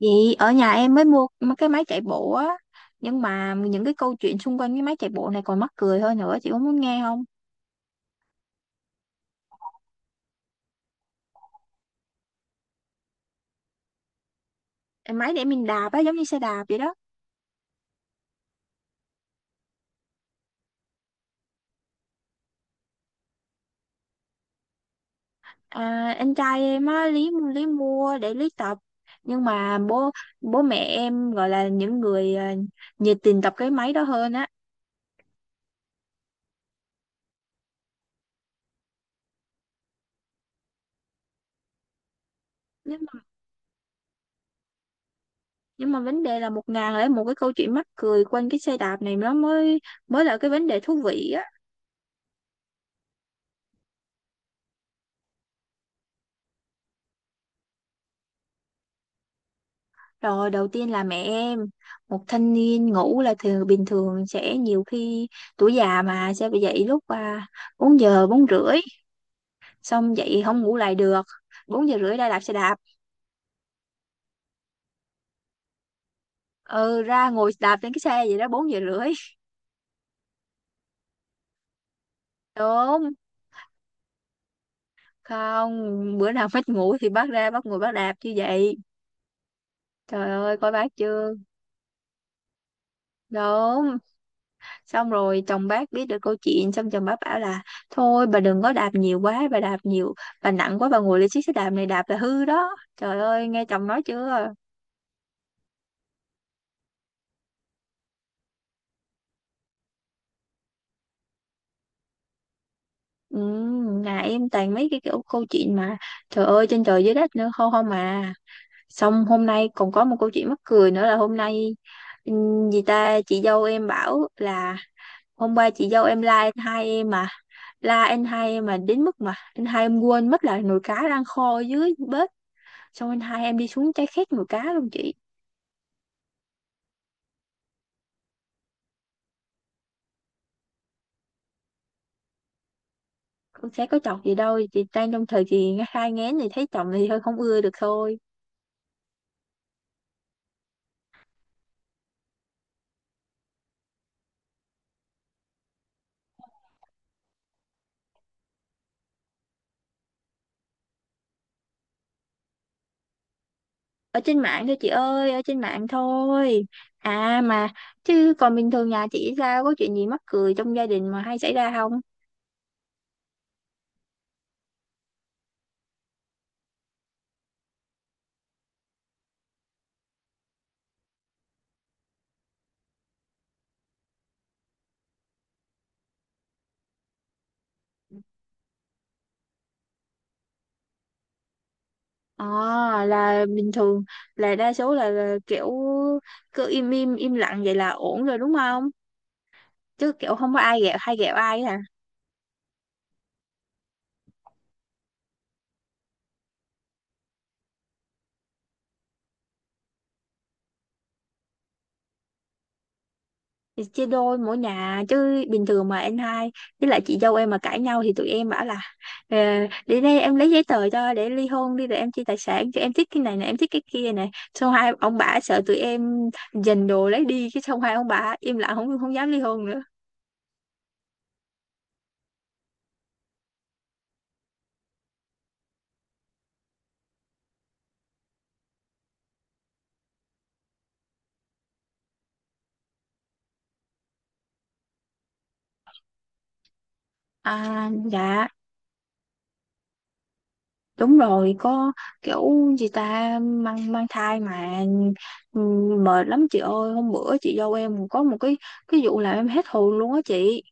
Vậy ở nhà em mới mua mấy cái máy chạy bộ á. Nhưng mà những cái câu chuyện xung quanh cái máy chạy bộ này còn mắc cười hơn nữa, chị có muốn nghe không? Em máy để mình đạp á, giống như xe đạp vậy đó. Anh trai em á, lý lý mua để lý tập. Nhưng mà bố bố mẹ em gọi là những người nhiệt tình tập cái máy đó hơn á. Nhưng mà, nhưng mà vấn đề là một ngàn lẻ một cái câu chuyện mắc cười quanh cái xe đạp này nó mới mới là cái vấn đề thú vị á. Rồi đầu tiên là mẹ em, một thanh niên ngủ là thường bình thường sẽ nhiều khi tuổi già mà sẽ bị dậy lúc 4 giờ 4:30. Xong dậy không ngủ lại được, 4:30 ra đạp xe đạp. Ừ, ra ngồi đạp trên cái xe vậy đó, 4:30. Đúng. Không, bữa nào mất ngủ thì bác ra bác ngồi bác đạp như vậy. Trời ơi, coi bác chưa. Đúng. Xong rồi chồng bác biết được câu chuyện, xong chồng bác bảo là thôi bà đừng có đạp nhiều quá, bà đạp nhiều, bà nặng quá, bà ngồi lên chiếc xe đạp này đạp là hư đó. Trời ơi nghe chồng nói chưa. Ừ, nhà em toàn mấy cái kiểu câu chuyện mà trời ơi trên trời dưới đất nữa, không không mà. Xong hôm nay còn có một câu chuyện mắc cười nữa là hôm nay, ừ, gì ta, chị dâu em bảo là hôm qua chị dâu em la anh hai em mà, đến mức mà anh hai em quên mất là nồi cá đang kho dưới bếp. Xong anh hai em đi xuống, trái khét mùa cá luôn chị. Con sẽ có chọc gì đâu, chị đang trong thời kỳ hai ngén thì thấy chồng thì hơi không ưa được thôi. Ở trên mạng thôi chị ơi, ở trên mạng thôi. À mà, chứ còn bình thường nhà chị sao, có chuyện gì mắc cười trong gia đình mà hay xảy ra không? à là bình thường, là đa số là kiểu cứ im im im lặng vậy là ổn rồi, đúng không? Chứ kiểu không có ai ghẹo hay ghẹo ai hả? Thì chia đôi mỗi nhà chứ, bình thường mà anh hai với lại chị dâu em mà cãi nhau thì tụi em bảo là, "Ờ, để đây em lấy giấy tờ cho để ly hôn đi, rồi em chia tài sản cho, em thích cái này này, em thích cái kia này." Xong hai ông bà sợ tụi em giành đồ lấy đi cái, xong hai ông bà im lặng, không không dám ly hôn nữa. Dạ, đúng rồi, có kiểu, gì ta, mang mang thai mà mệt lắm chị ơi. Hôm bữa chị dâu em có một cái vụ làm em hết hồn luôn á chị.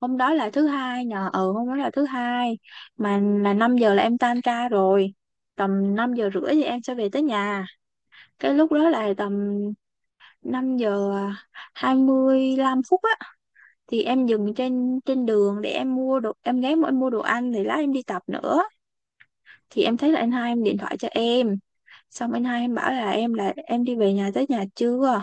Hôm đó là thứ hai, mà là 5 giờ là em tan ca rồi, tầm 5:30 thì em sẽ về tới nhà. Cái lúc đó là tầm 5 giờ 25 phút á, thì em dừng trên trên đường để em mua đồ, em ghé em mua đồ ăn thì lát em đi tập nữa. Thì em thấy là anh hai em điện thoại cho em, xong anh hai em bảo là em đi về nhà tới nhà chưa.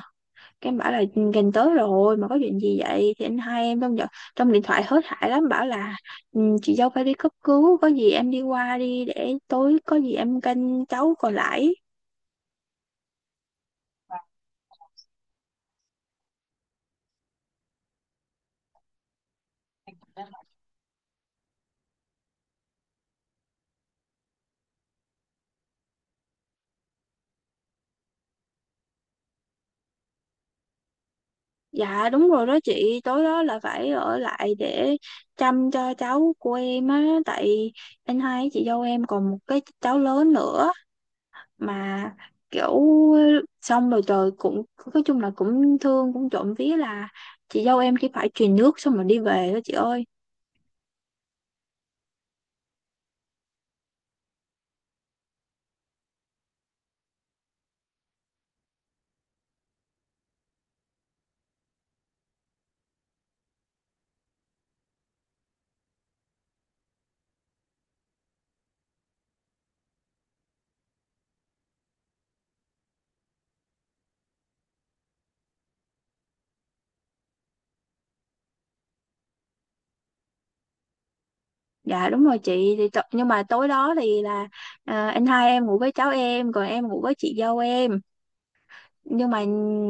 Cái em bảo là, "Ừ, gần tới rồi mà có chuyện gì vậy?" Thì anh hai em trong điện thoại hớt hải lắm bảo là, "Ừ, chị dâu phải đi cấp cứu, có gì em đi qua đi, để tối có gì em canh cháu còn lại." Dạ, đúng rồi đó chị, tối đó là phải ở lại để chăm cho cháu của em á, tại anh hai với chị dâu em còn một cái cháu lớn nữa mà kiểu. Xong rồi trời cũng nói chung là cũng thương, cũng trộm vía là chị dâu em chỉ phải truyền nước xong rồi đi về đó chị ơi. Dạ, đúng rồi chị, nhưng mà tối đó thì là anh hai em ngủ với cháu em, còn em ngủ với chị dâu em. Nhưng mà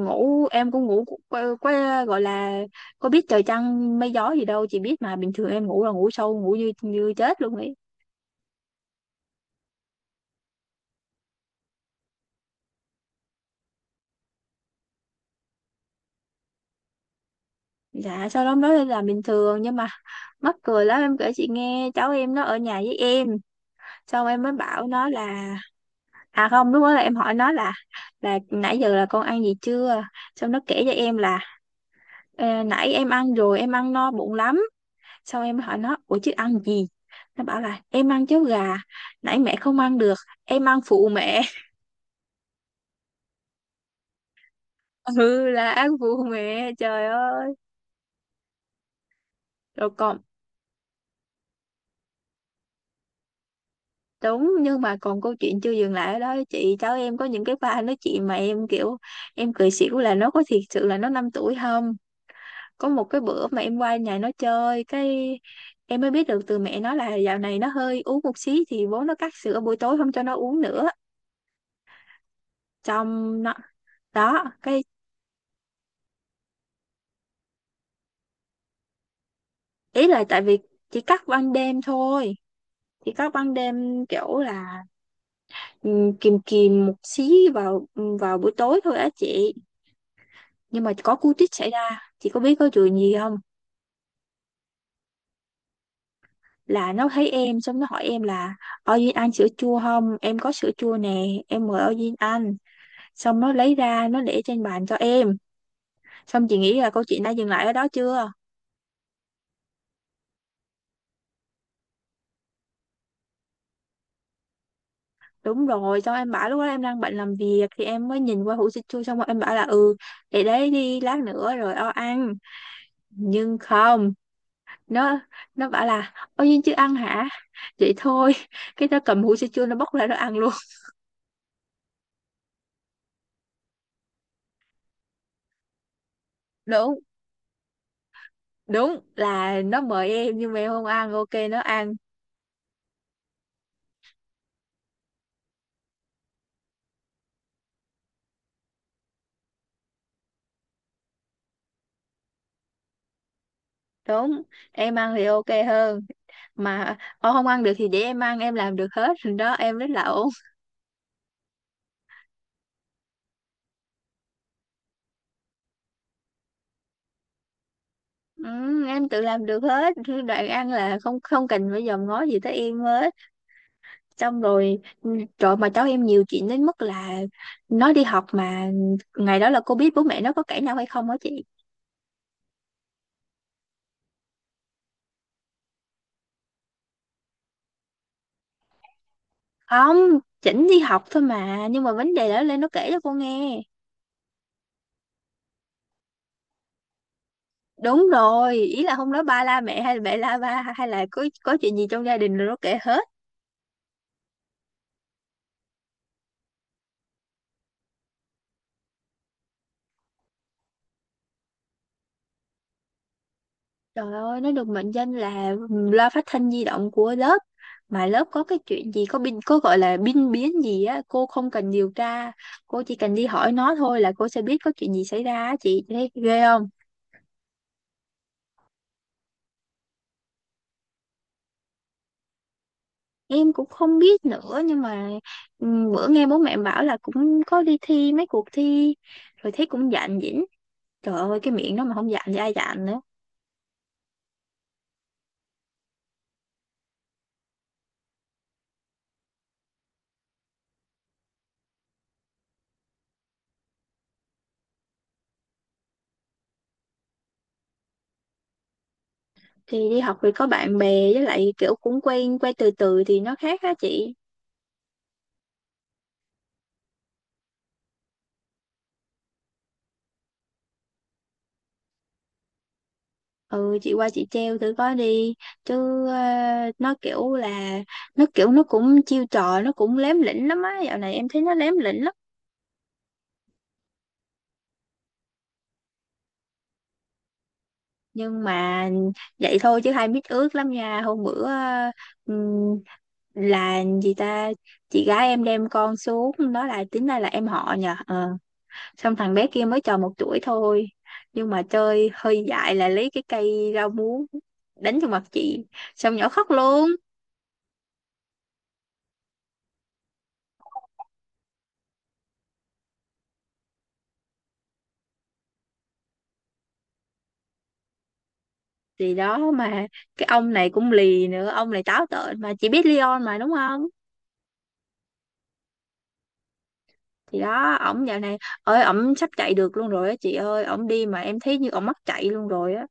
ngủ em cũng ngủ, gọi là có biết trời trăng mây gió gì đâu. Chị biết mà, bình thường em ngủ là ngủ sâu, ngủ như như chết luôn ấy. Dạ sau đó nói là bình thường nhưng mà mắc cười lắm, em kể chị nghe, cháu em nó ở nhà với em, xong em mới bảo nó là, à không, lúc đó là em hỏi nó là nãy giờ là con ăn gì chưa. Xong nó kể cho em là, "Ờ, nãy em ăn rồi, em ăn no bụng lắm." Sau em hỏi nó, "Ủa chứ ăn gì?" Nó bảo là, "Em ăn cháo gà, nãy mẹ không ăn được em ăn phụ mẹ." Ừ, là ăn phụ mẹ trời ơi. Rồi còn, đúng nhưng mà còn câu chuyện chưa dừng lại ở đó chị, cháu em có những cái pha nói chuyện mà em kiểu em cười xỉu, là nó có thiệt sự là nó 5 tuổi không? Có một cái bữa mà em qua nhà nó chơi, cái em mới biết được từ mẹ nó là dạo này nó hơi uống một xí thì bố nó cắt sữa buổi tối, không cho nó uống nữa. Trong nó đó cái, ý là tại vì chỉ cắt ban đêm thôi, chỉ cắt ban đêm kiểu là ừ, kìm kìm một xí vào, vào buổi tối thôi á chị. Nhưng mà có cú tích xảy ra, chị có biết có chuyện gì không? Là nó thấy em xong nó hỏi em là, "Ôi Duyên ăn sữa chua không? Em có sữa chua nè, em mời Ôi Duyên ăn." Xong nó lấy ra, nó để trên bàn cho em. Xong chị nghĩ là câu chuyện đã dừng lại ở đó chưa? Đúng rồi, xong em bảo, lúc đó em đang bận làm việc thì em mới nhìn qua hũ sữa chua, xong rồi em bảo là, "Ừ, để đấy đi, lát nữa rồi o ăn." Nhưng không, nó nó bảo là, "Ôi nhưng chưa ăn hả? Vậy thôi." Cái nó cầm hũ sữa chua, nó bóc ra nó ăn luôn. Đúng, đúng là nó mời em nhưng mà em không ăn ok nó ăn. Đúng, em ăn thì ok hơn, mà ô không ăn được thì để em ăn, em làm được hết rồi đó, em rất là ổn. Ừ, em tự làm được hết, đoạn ăn là không không cần phải dòm ngó gì tới em hết. Xong rồi ừ, trời mà cháu em nhiều chuyện đến mức là nó đi học mà ngày đó là cô biết bố mẹ nó có cãi nhau hay không hả chị? Không, chỉnh đi học thôi mà nhưng mà vấn đề đó lên nó kể cho cô nghe. Đúng rồi, ý là hôm đó ba la mẹ hay là mẹ la ba hay là có chuyện gì trong gia đình rồi nó kể hết. Trời ơi, nó được mệnh danh là loa phát thanh di động của lớp. Mà lớp có cái chuyện gì, có gọi là binh biến gì á, cô không cần điều tra. Cô chỉ cần đi hỏi nó thôi là cô sẽ biết có chuyện gì xảy ra á chị. Chị thấy ghê không? Em cũng không biết nữa, nhưng mà ừ, bữa nghe bố mẹ bảo là cũng có đi thi mấy cuộc thi, rồi thấy cũng dạn dĩnh. Trời ơi, cái miệng nó mà không dạn thì ai dạn nữa. Thì đi học thì có bạn bè với lại kiểu cũng quen, quen từ từ thì nó khác á chị. Ừ chị qua chị treo thử coi đi, chứ nó kiểu là nó cũng chiêu trò, nó cũng lém lỉnh lắm á, dạo này em thấy nó lém lỉnh lắm. Nhưng mà vậy thôi chứ hai mít ướt lắm nha. Hôm bữa ừm, là gì ta, chị gái em đem con xuống đó là tính ra là em họ nhờ ờ. Xong thằng bé kia mới tròn 1 tuổi thôi, nhưng mà chơi hơi dại là lấy cái cây rau muống đánh vào mặt chị, xong nhỏ khóc luôn. Thì đó mà, cái ông này cũng lì nữa, ông này táo tợn mà, chị biết Leon mà đúng không? Thì đó, ổng dạo này ơi ổng sắp chạy được luôn rồi á chị ơi, ổng đi mà em thấy như ổng mắc chạy luôn rồi á.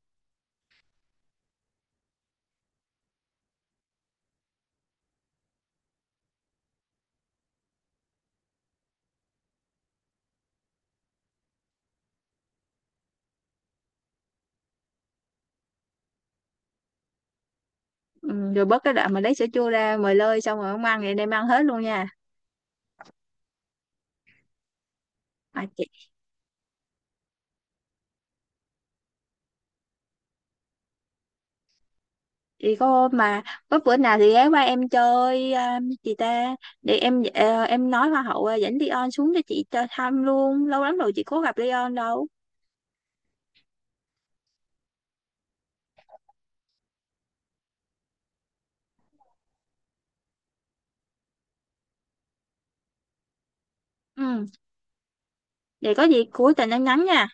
Ừ, rồi bớt cái đoạn mà lấy sữa chua ra mời lơi, xong rồi ổng ăn thì đem ăn hết luôn nha. Mà chị thì có mà, có bữa nào thì ghé qua em chơi chị ta. Để em em nói hoa hậu dẫn Leon xuống cho chị cho thăm luôn, lâu lắm rồi chị có gặp Leon đâu. Ừ, để có gì cuối tuần em nhắn nha.